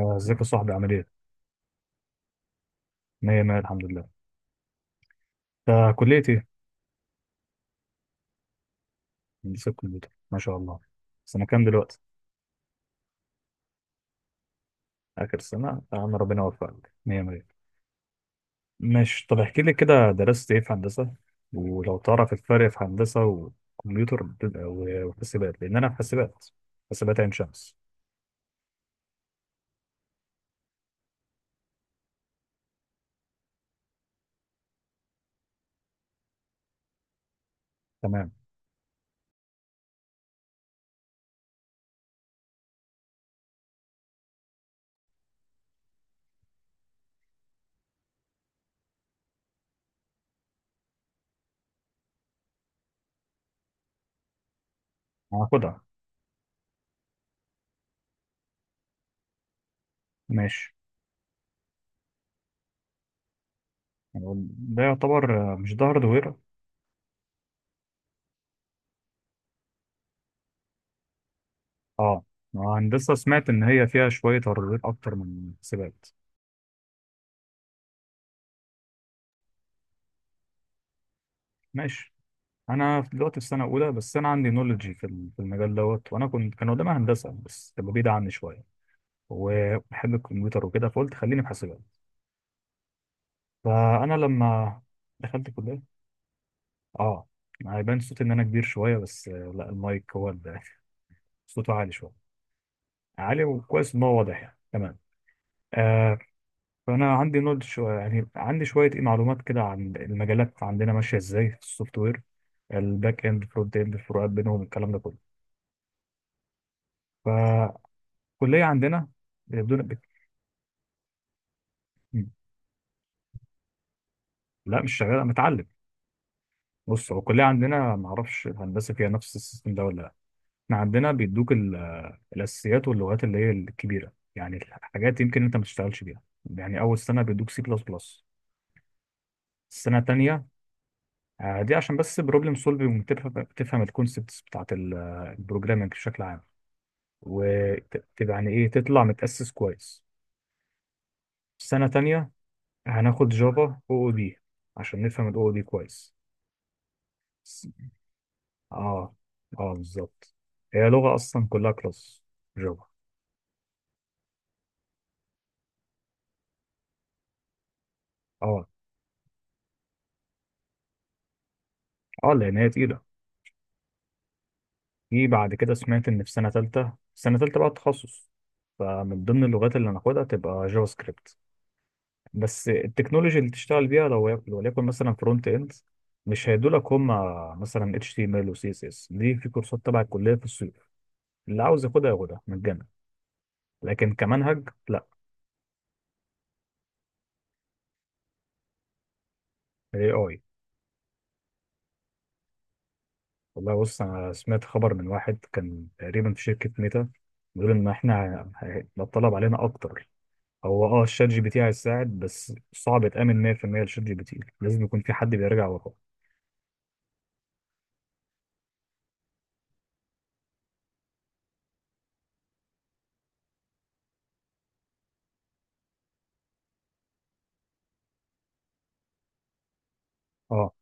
آه، ازيك يا صاحبي؟ عامل ايه؟ مية مية، الحمد لله. انت كلية ايه؟ هندسة كمبيوتر، ما شاء الله. سنة كام دلوقتي؟ آخر سنة يا عم، ربنا يوفقك مية مية. ماشي، طب احكي لي كده، درست ايه في هندسة؟ ولو تعرف الفرق في هندسة و وحاسبات، لأن أنا في حاسبات، حاسبات عين شمس. تمام، هاخدها. ماشي، ده يعتبر مش ده هاردوير؟ اه، هندسة سمعت إن هي فيها شوية هاردوير أكتر من حاسبات. ماشي، دلوقتي في سنه اولى، بس انا عندي نولوجي في في المجال دوت، وانا كنت كان قدامي هندسه بس تبقى بعيده عني شويه، وبحب الكمبيوتر وكده، فقلت خليني في حاسبات. فانا لما دخلت الكليه، اه، ما هيبان صوتي ان انا كبير شويه بس لا، المايك هو اللي صوته عالي شويه، عالي وكويس ان هو واضح يعني. تمام. آه، فانا عندي نولج شويه، يعني عندي شويه ايه معلومات كده عن المجالات عندنا ماشيه ازاي في السوفت وير، الباك اند، فرونت اند، الفروقات بينهم، الكلام ده كله. فالكليه عندنا، مم، لا مش شغال، متعلم. بص، هو الكليه عندنا ما اعرفش الهندسه فيها نفس السيستم ده ولا لا. احنا عندنا بيدوك الاساسيات واللغات اللي هي الكبيره، يعني الحاجات يمكن انت ما تشتغلش بيها. يعني اول سنه بيدوك سي بلس بلس. السنه الثانيه دي عشان بس بروبلم سولفنج، تفهم الكونسبتس بتاعت البروجرامنج بشكل عام، وتبقى يعني ايه تطلع متاسس كويس. السنه الثانيه هناخد جافا او او دي، عشان نفهم الاو او دي كويس. اه، اه بالظبط، هي لغة أصلا كلها كلاس، جافا. اه، اه لأن هي تقيلة. في بعد كده سمعت إن في سنة تالتة، سنة تالتة بقى تخصص، فمن ضمن اللغات اللي هناخدها تبقى جافا سكريبت. بس التكنولوجي اللي تشتغل بيها لو وليكن مثلا فرونت إند، مش هيدولك هما، مثلا اتش تي ام ال وسي اس اس، دي في كورسات تبع الكلية في الصيف، اللي عاوز ياخدها ياخدها مجانا، لكن كمنهج لا. الاي اي، والله بص، انا سمعت خبر من واحد كان تقريبا في شركه ميتا، بيقول ان احنا هيبقى الطلب علينا اكتر. هو اه الشات جي بي تي هيساعد، بس صعب تامن 100% الشات جي بي تي، لازم يكون في حد بيراجع وراه. اه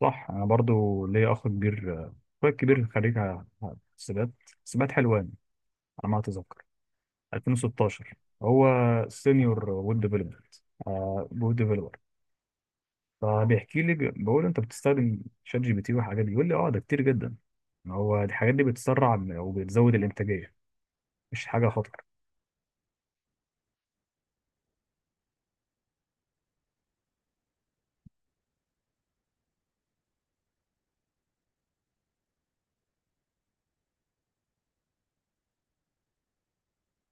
صح، انا برضو ليا اخ كبير، اخويا الكبير خريج حسابات، حسابات حلوان على ما اتذكر، 2016. هو سينيور ويب ديفلوبمنت، ويب ديفلوبر. فبيحكي لي، بقول له انت بتستخدم شات جي بي تي والحاجات دي؟ يقول لي اه ده كتير جدا، ما هو الحاجات دي بتسرع وبتزود الانتاجيه، مش حاجه خطر.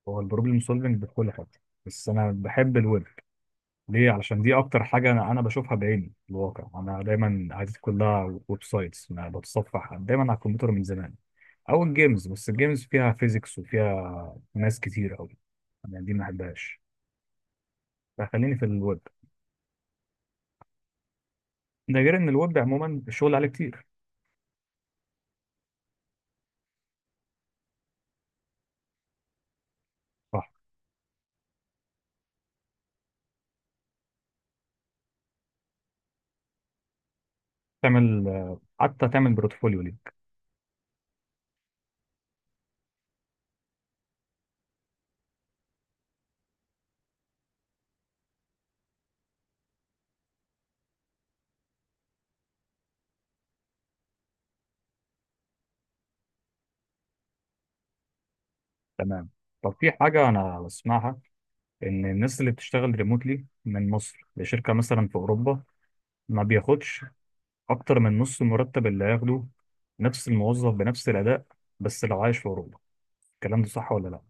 هو البروبلم سولفنج بكل حاجه، بس انا بحب الويب. ليه؟ علشان دي اكتر حاجه انا بشوفها بعيني في الواقع، انا دايما عادتي كلها ويب سايتس، انا بتصفح دايما على الكمبيوتر من زمان، او الجيمز، بس الجيمز فيها فيزيكس وفيها ناس كتير قوي، انا دي ما بحبهاش. فخليني في الويب، ده غير ان الويب عموما الشغل عليه كتير. تعمل حتى تعمل بورتفوليو ليك. تمام. طب في حاجة أنا بسمعها، إن الناس اللي بتشتغل ريموتلي من مصر لشركة مثلا في أوروبا ما بياخدش أكتر من نص المرتب اللي هياخده نفس الموظف بنفس الأداء بس لو عايش في أوروبا. الكلام ده صح ولا لأ؟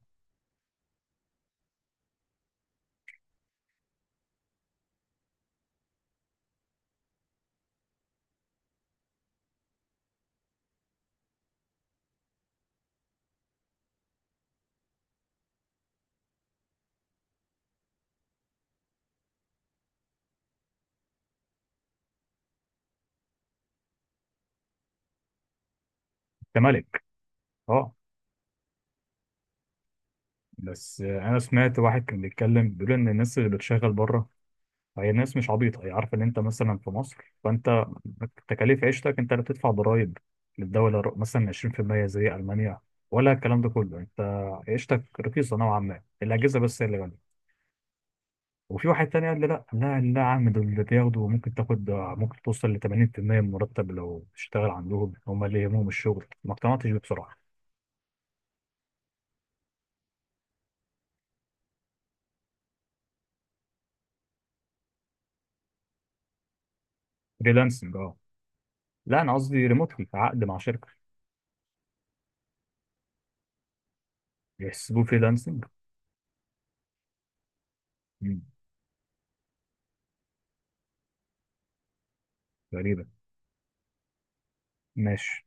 أنت مالك؟ أه. بس أنا سمعت واحد كان بيتكلم، بيقول إن الناس اللي بتشتغل بره، فهي الناس مش عبيطة، هي عارفة إن أنت مثلا في مصر، فأنت تكاليف عيشتك، أنت اللي بتدفع ضرايب للدولة، مثلا 20% زي ألمانيا ولا الكلام ده كله، أنت عيشتك رخيصة نوعا ما، الأجهزة بس هي اللي غالية. وفي واحد تاني قال لي لا لا لا يا عم، دول اللي بياخدوا ممكن تاخد، ممكن توصل ل 80% من المرتب لو تشتغل عندهم، هم اللي يهمهم الشغل. ما اقتنعتش بيه بصراحة. فريلانسنج اه. لا أنا قصدي ريموتلي، عقد مع شركة. يحسبوه فريلانسنج. مم. غريبة. ماشي.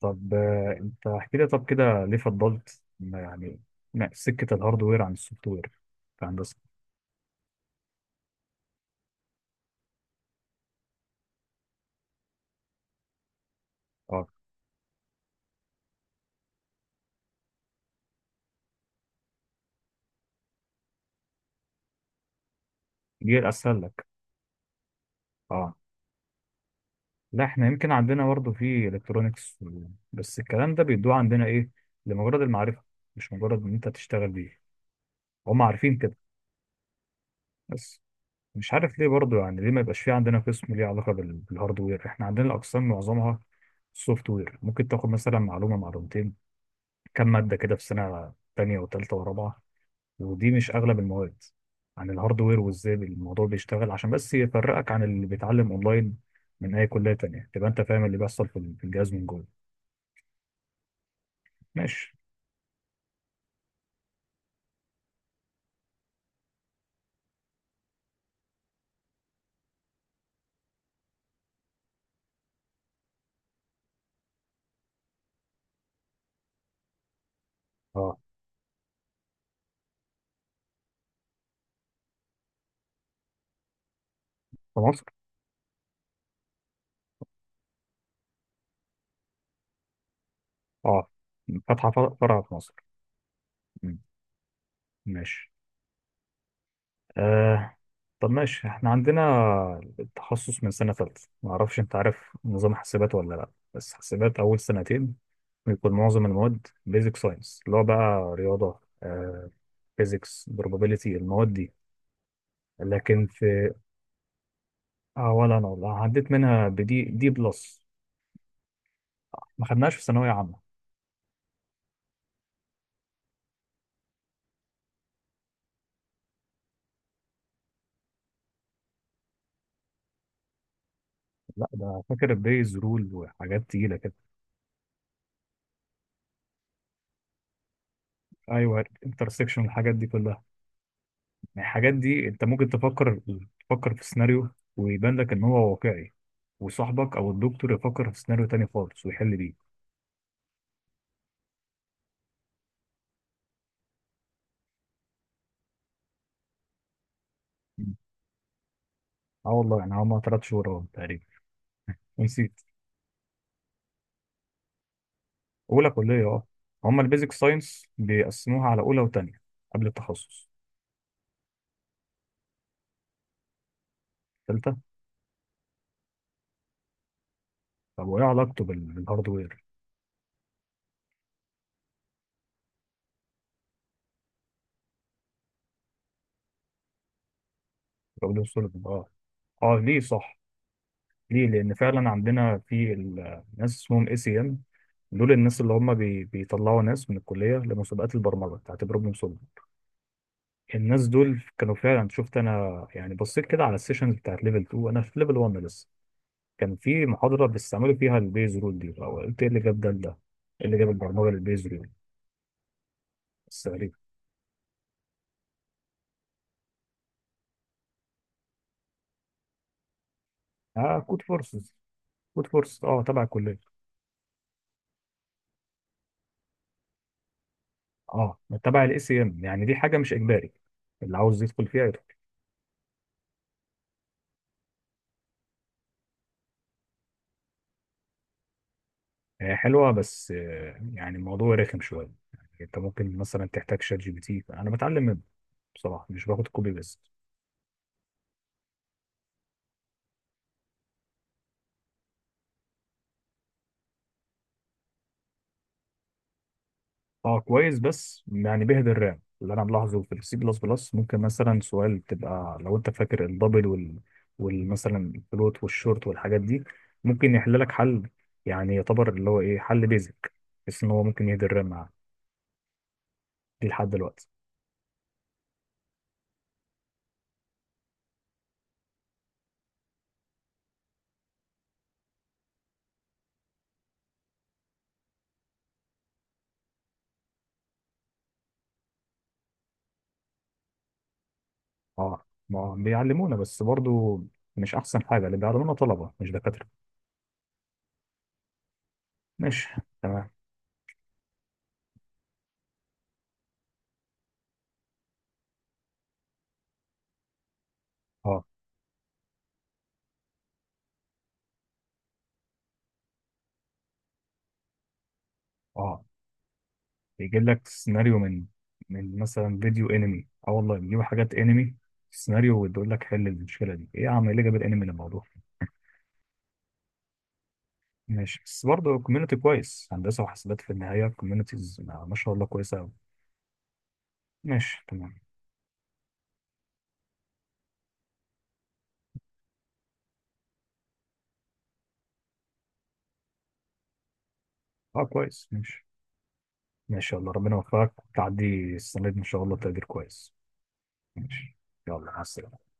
طب انت احكي لي، طب كده ليه فضلت ما يعني سكه الهاردوير عن السوفت وير في هندسه؟ اه، دي اسهل لك. اه، لا احنا يمكن عندنا برضه في الكترونكس، بس الكلام ده بيدوه عندنا ايه؟ لمجرد المعرفه، مش مجرد ان انت تشتغل بيه. هم عارفين كده، بس مش عارف ليه برضه، يعني ليه ما يبقاش في عندنا قسم ليه علاقه بالهاردوير؟ احنا عندنا الاقسام معظمها سوفت وير، ممكن تاخد مثلا معلومه معلومتين، كم ماده كده في سنه تانية وتالتة ورابعة، ودي مش اغلب المواد عن الهاردوير وازاي الموضوع بيشتغل، عشان بس يفرقك عن اللي بيتعلم اونلاين من اي كليه تانية، تبقى انت فاهم اللي بيحصل في الجهاز من جوه. ماشي. اه، في مصر. اه، فاتحه فرع في مصر. مم. ماشي. آه. طب ماشي، احنا عندنا التخصص من سنه ثالثه، ما اعرفش انت عارف نظام حاسبات ولا لا، بس حاسبات اول سنتين بيكون معظم المواد بيزك ساينس، اللي هو بقى رياضه، آه فيزيكس، probability، المواد دي، لكن في. اه ولا انا والله، عديت منها بدي دي بلس. ما خدناش في ثانويه عامه. لا ده فاكر البيز رول وحاجات تقيله كده. ايوه، انترسكشن الحاجات دي كلها، يعني الحاجات دي انت ممكن تفكر، تفكر في سيناريو ويبان لك ان هو واقعي، وصاحبك او الدكتور يفكر في سيناريو تاني خالص ويحل بيه. مم. اه والله، يعني هما ثلاث شهور اهو تقريبا ونسيت. اولى كليه اه، هما البيزك ساينس بيقسموها على اولى وتانية قبل التخصص. تالتة. طب وايه علاقته بالهاردوير؟ راجل سوليفان، اه، اه ليه صح. ليه؟ لان فعلا عندنا في ناس اسمهم اي سي ام، دول الناس اللي هم بيطلعوا ناس من الكليه لمسابقات البرمجه بتاعت بروبلم سولفنج. الناس دول كانوا فعلا، شفت انا يعني بصيت كده على السيشنز بتاعت ليفل 2، انا في ليفل 1 لسه، كان في محاضره بيستعملوا فيها البيز رول دي، او قلت ايه اللي جاب ده لده، ايه اللي جاب البرمجه للبيز رول؟ بس غريبه. اه، كود فورسز. كود فورس اه تبع الكليه. اه تبع الاي سي ام، يعني دي حاجه مش اجباري، اللي عاوز يدخل فيها. هي حلوه بس يعني الموضوع رخم شويه، يعني انت ممكن مثلا تحتاج شات جي بي تي، انا بتعلم منه بصراحه، مش باخد كوبي بيست. اه كويس، بس يعني بيهدر الرام اللي انا ملاحظه في السي بلس بلس، ممكن مثلا سؤال تبقى لو انت فاكر الدبل وال، والمثلا الفلوت والشورت والحاجات دي، ممكن يحل لك حل، يعني يعتبر اللي هو ايه حل بيزك، بس ان هو ممكن يهدر الرام معاك دي لحد دلوقتي. اه، ما بيعلمونا بس برضو مش احسن حاجه، اللي بيعلمونا طلبه مش دكاتره. ماشي تمام. اه. اه، بيجيب لك سيناريو من، من مثلا فيديو انمي، اه والله بيجيبوا حاجات انمي سيناريو، وبيقول لك حل المشكله دي ايه؟ يا عم ايه اللي جاب الانمي للموضوع؟ ماشي، بس برضه كوميونتي كويس، هندسه وحاسبات في النهايه كوميونيتيز ما شاء الله كويسه قوي. ماشي تمام. اه كويس ماشي. ماشي يلا، ربنا يوفقك تعدي السنه دي ان شاء الله تقدير كويس. ماشي. يلا مع السلامه.